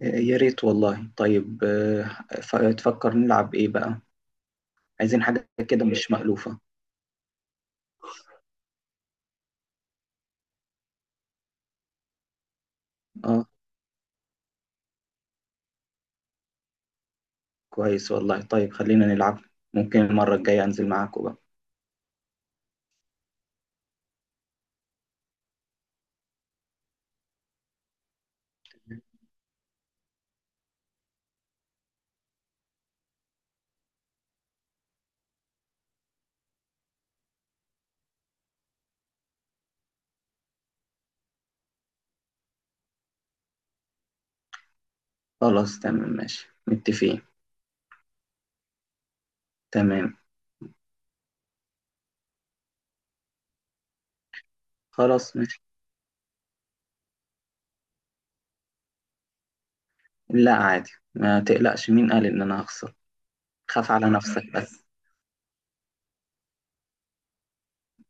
يا ريت والله، طيب. تفكر نلعب ايه بقى؟ عايزين حاجة كده مش مألوفة. اه، كويس والله. طيب، خلينا نلعب. ممكن المرة الجاية انزل معاكم بقى. خلاص، تمام، ماشي، متفقين. تمام، خلاص، ماشي. لا، عادي، ما تقلقش. مين قال ان انا هخسر؟ خاف على نفسك بس.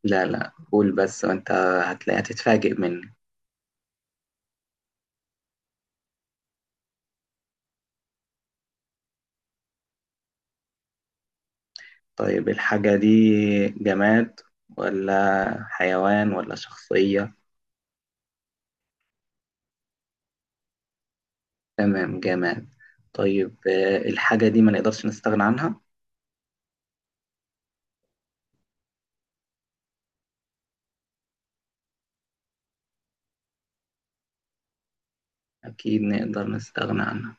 لا، لا، قول بس، وانت هتلاقي هتتفاجئ مني. طيب، الحاجة دي جماد ولا حيوان ولا شخصية؟ تمام. جمال. طيب، الحاجة دي ما نقدرش نستغنى عنها؟ أكيد نقدر نستغنى عنها.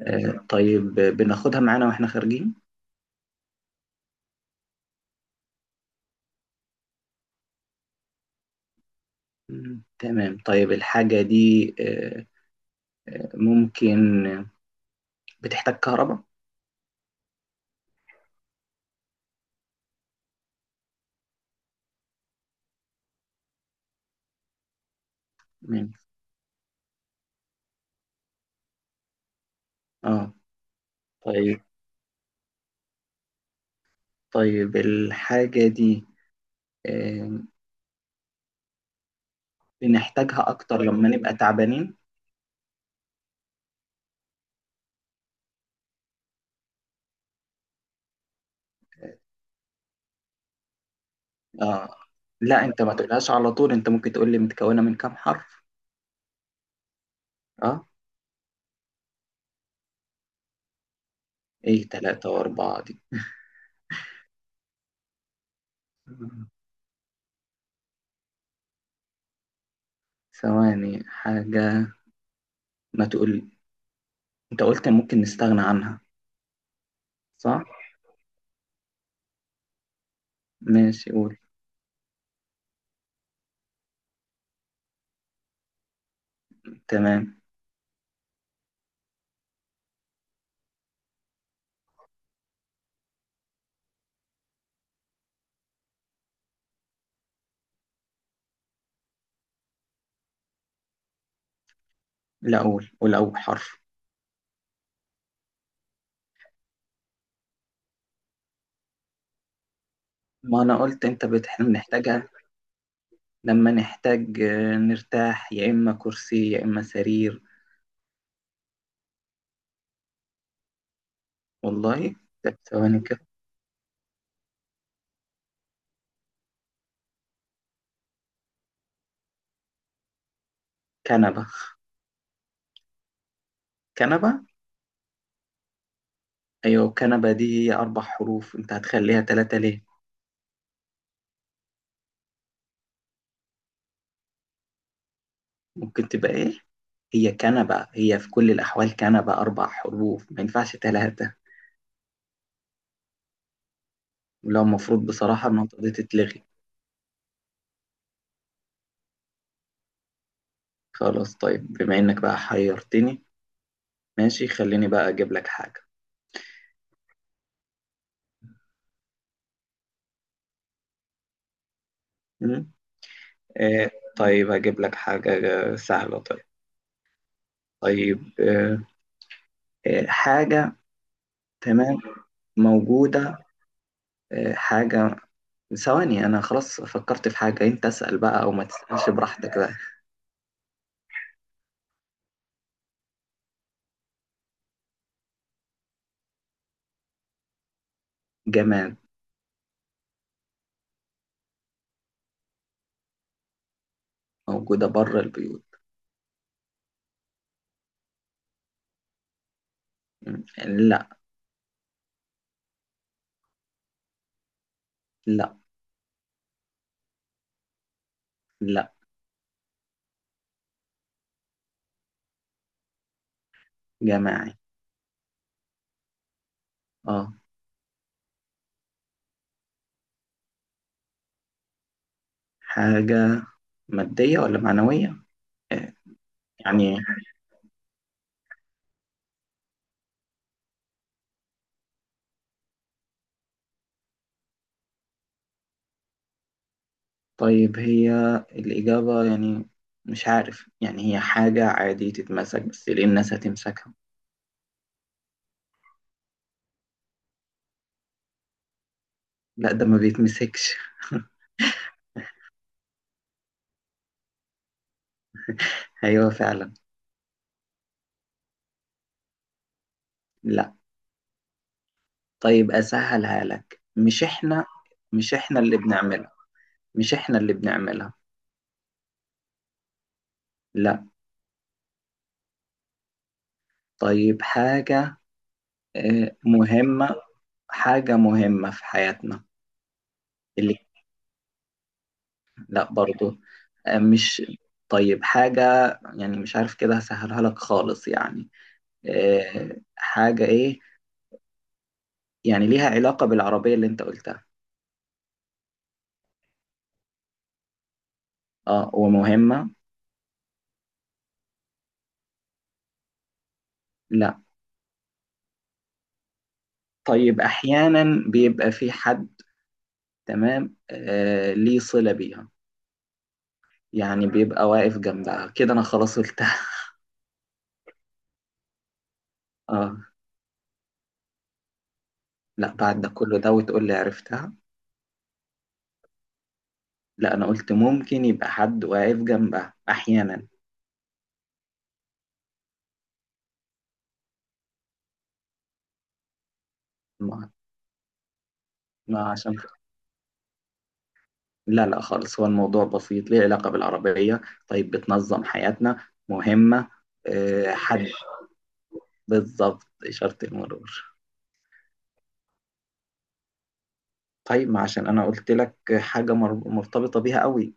طيب، بناخدها معانا وإحنا خارجين؟ تمام. طيب، الحاجة دي ممكن بتحتاج كهرباء؟ مم، اه. طيب، طيب، الحاجة دي آه، بنحتاجها أكتر لما نبقى تعبانين؟ اه، لا، أنت ما تقولهاش على طول. أنت ممكن تقول لي متكونة من كام حرف. اه، إيه تلاتة وأربعة دي؟ ثواني حاجة. ما تقول. انت قلت ممكن نستغنى عنها. صح، ماشي، قول. تمام. لا، قول قول اول حرف. ما انا قلت انت بنحتاجها. لما نحتاج نرتاح، يا اما كرسي يا اما سرير. والله. طب ثواني كده. كنبة. كنبة. ايوه، كنبة دي هي اربع حروف، انت هتخليها ثلاثة ليه؟ ممكن تبقى ايه؟ هي كنبة، هي في كل الاحوال كنبة، اربع حروف، ما ينفعش ثلاثة. ولو المفروض بصراحة النقطة دي تتلغي. خلاص، طيب، بما انك بقى حيرتني، ماشي، خليني بقى أجيب لك حاجة. مم؟ آه، طيب، هجيب لك حاجة سهلة. طيب. طيب. حاجة. تمام. موجودة. حاجة. ثواني، أنا خلاص فكرت في حاجة. أنت اسأل بقى أو ما تسألش براحتك بقى. جماد. موجودة بره البيوت. مم. لا. لا. لا. جماعي. اه. حاجة مادية ولا معنوية؟ آه، يعني. طيب، هي الإجابة يعني مش عارف. يعني هي حاجة عادي تتمسك، بس ليه الناس هتمسكها؟ لا، ده ما بيتمسكش. أيوه فعلا. لا. طيب، أسهلها لك. مش إحنا. مش إحنا اللي بنعملها. مش إحنا اللي بنعملها. لا. طيب، حاجة مهمة. حاجة مهمة في حياتنا. اللي. لا برضو. آه، مش طيب، حاجة، يعني مش عارف كده هسهلها لك خالص، يعني. حاجة إيه؟ يعني ليها علاقة بالعربية اللي انت قلتها. اه، ومهمة. لا. طيب، احيانا بيبقى في حد. تمام. ليه صلة بيها، يعني بيبقى واقف جنبها كده، انا خلاص قلتها. اه. لا، بعد ده كله ده وتقول لي عرفتها؟ لا، انا قلت ممكن يبقى حد واقف جنبها احيانا. ما, ما عشان. لا، لا، خالص. هو الموضوع بسيط، ليه علاقة بالعربية. طيب، بتنظم حياتنا، مهمة. حد. بالظبط، إشارة المرور. طيب، ما عشان انا قلت لك حاجة مرتبطة بيها قوي.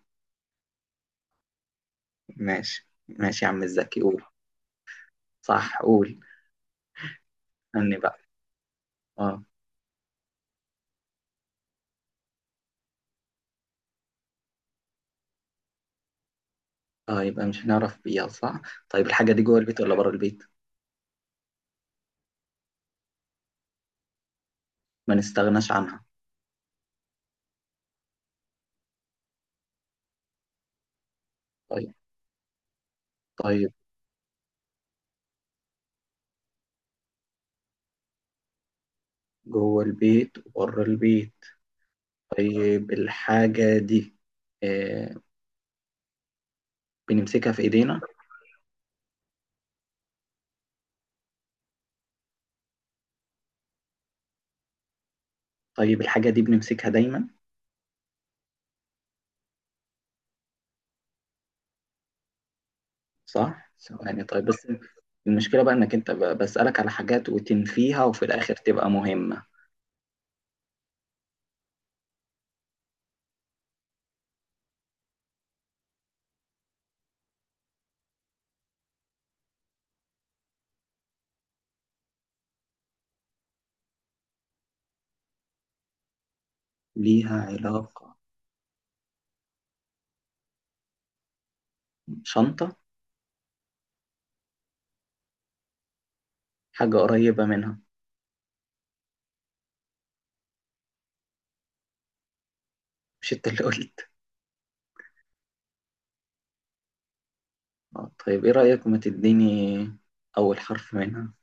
ماشي، ماشي، يا عم الزكي، قول. صح، قول. اني بقى. اه، اه، يبقى مش هنعرف بيها. صح. طيب، الحاجة دي جوه البيت ولا بره البيت؟ ما نستغناش عنها؟ طيب. طيب، جوه البيت وبره البيت. طيب، الحاجة دي آه بنمسكها في ايدينا؟ طيب، الحاجة دي بنمسكها دايما؟ صح. ثواني طيب بس. المشكلة بقى انك انت بسألك على حاجات وتنفيها، وفي الاخر تبقى مهمة. ليها علاقة. شنطة. حاجة قريبة منها. مش انت اللي قلت؟ اه، طيب، ايه رأيك ما تديني أول حرف منها.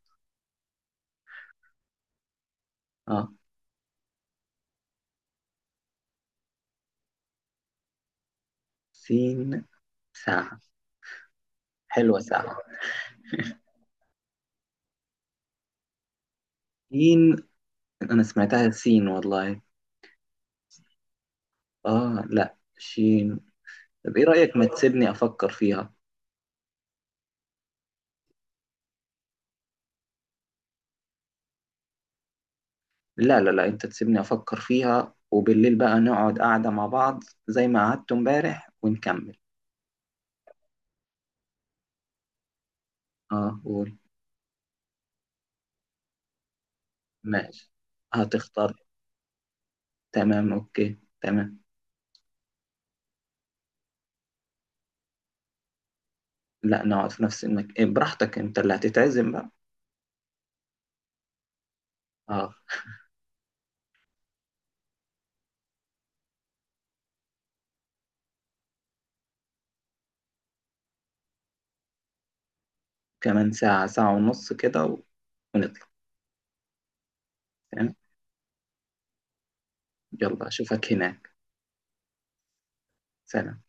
اه، سين. ساعة. حلوة ساعة. سين. أنا سمعتها سين والله. اه، لا، شين. طب ايه رأيك ما تسيبني أفكر فيها. لا، لا، لا، انت تسيبني أفكر فيها، وبالليل بقى نقعد قاعدة مع بعض زي ما قعدت امبارح ونكمل. اه، قول. ماشي. هتختار. تمام، اوكي، تمام. لا، نقعد في نفس المكان. براحتك، انت اللي هتتعزم بقى. اه. كمان ساعة، ساعة ونص كده ونطلع. تمام. يلا، أشوفك هناك. سلام.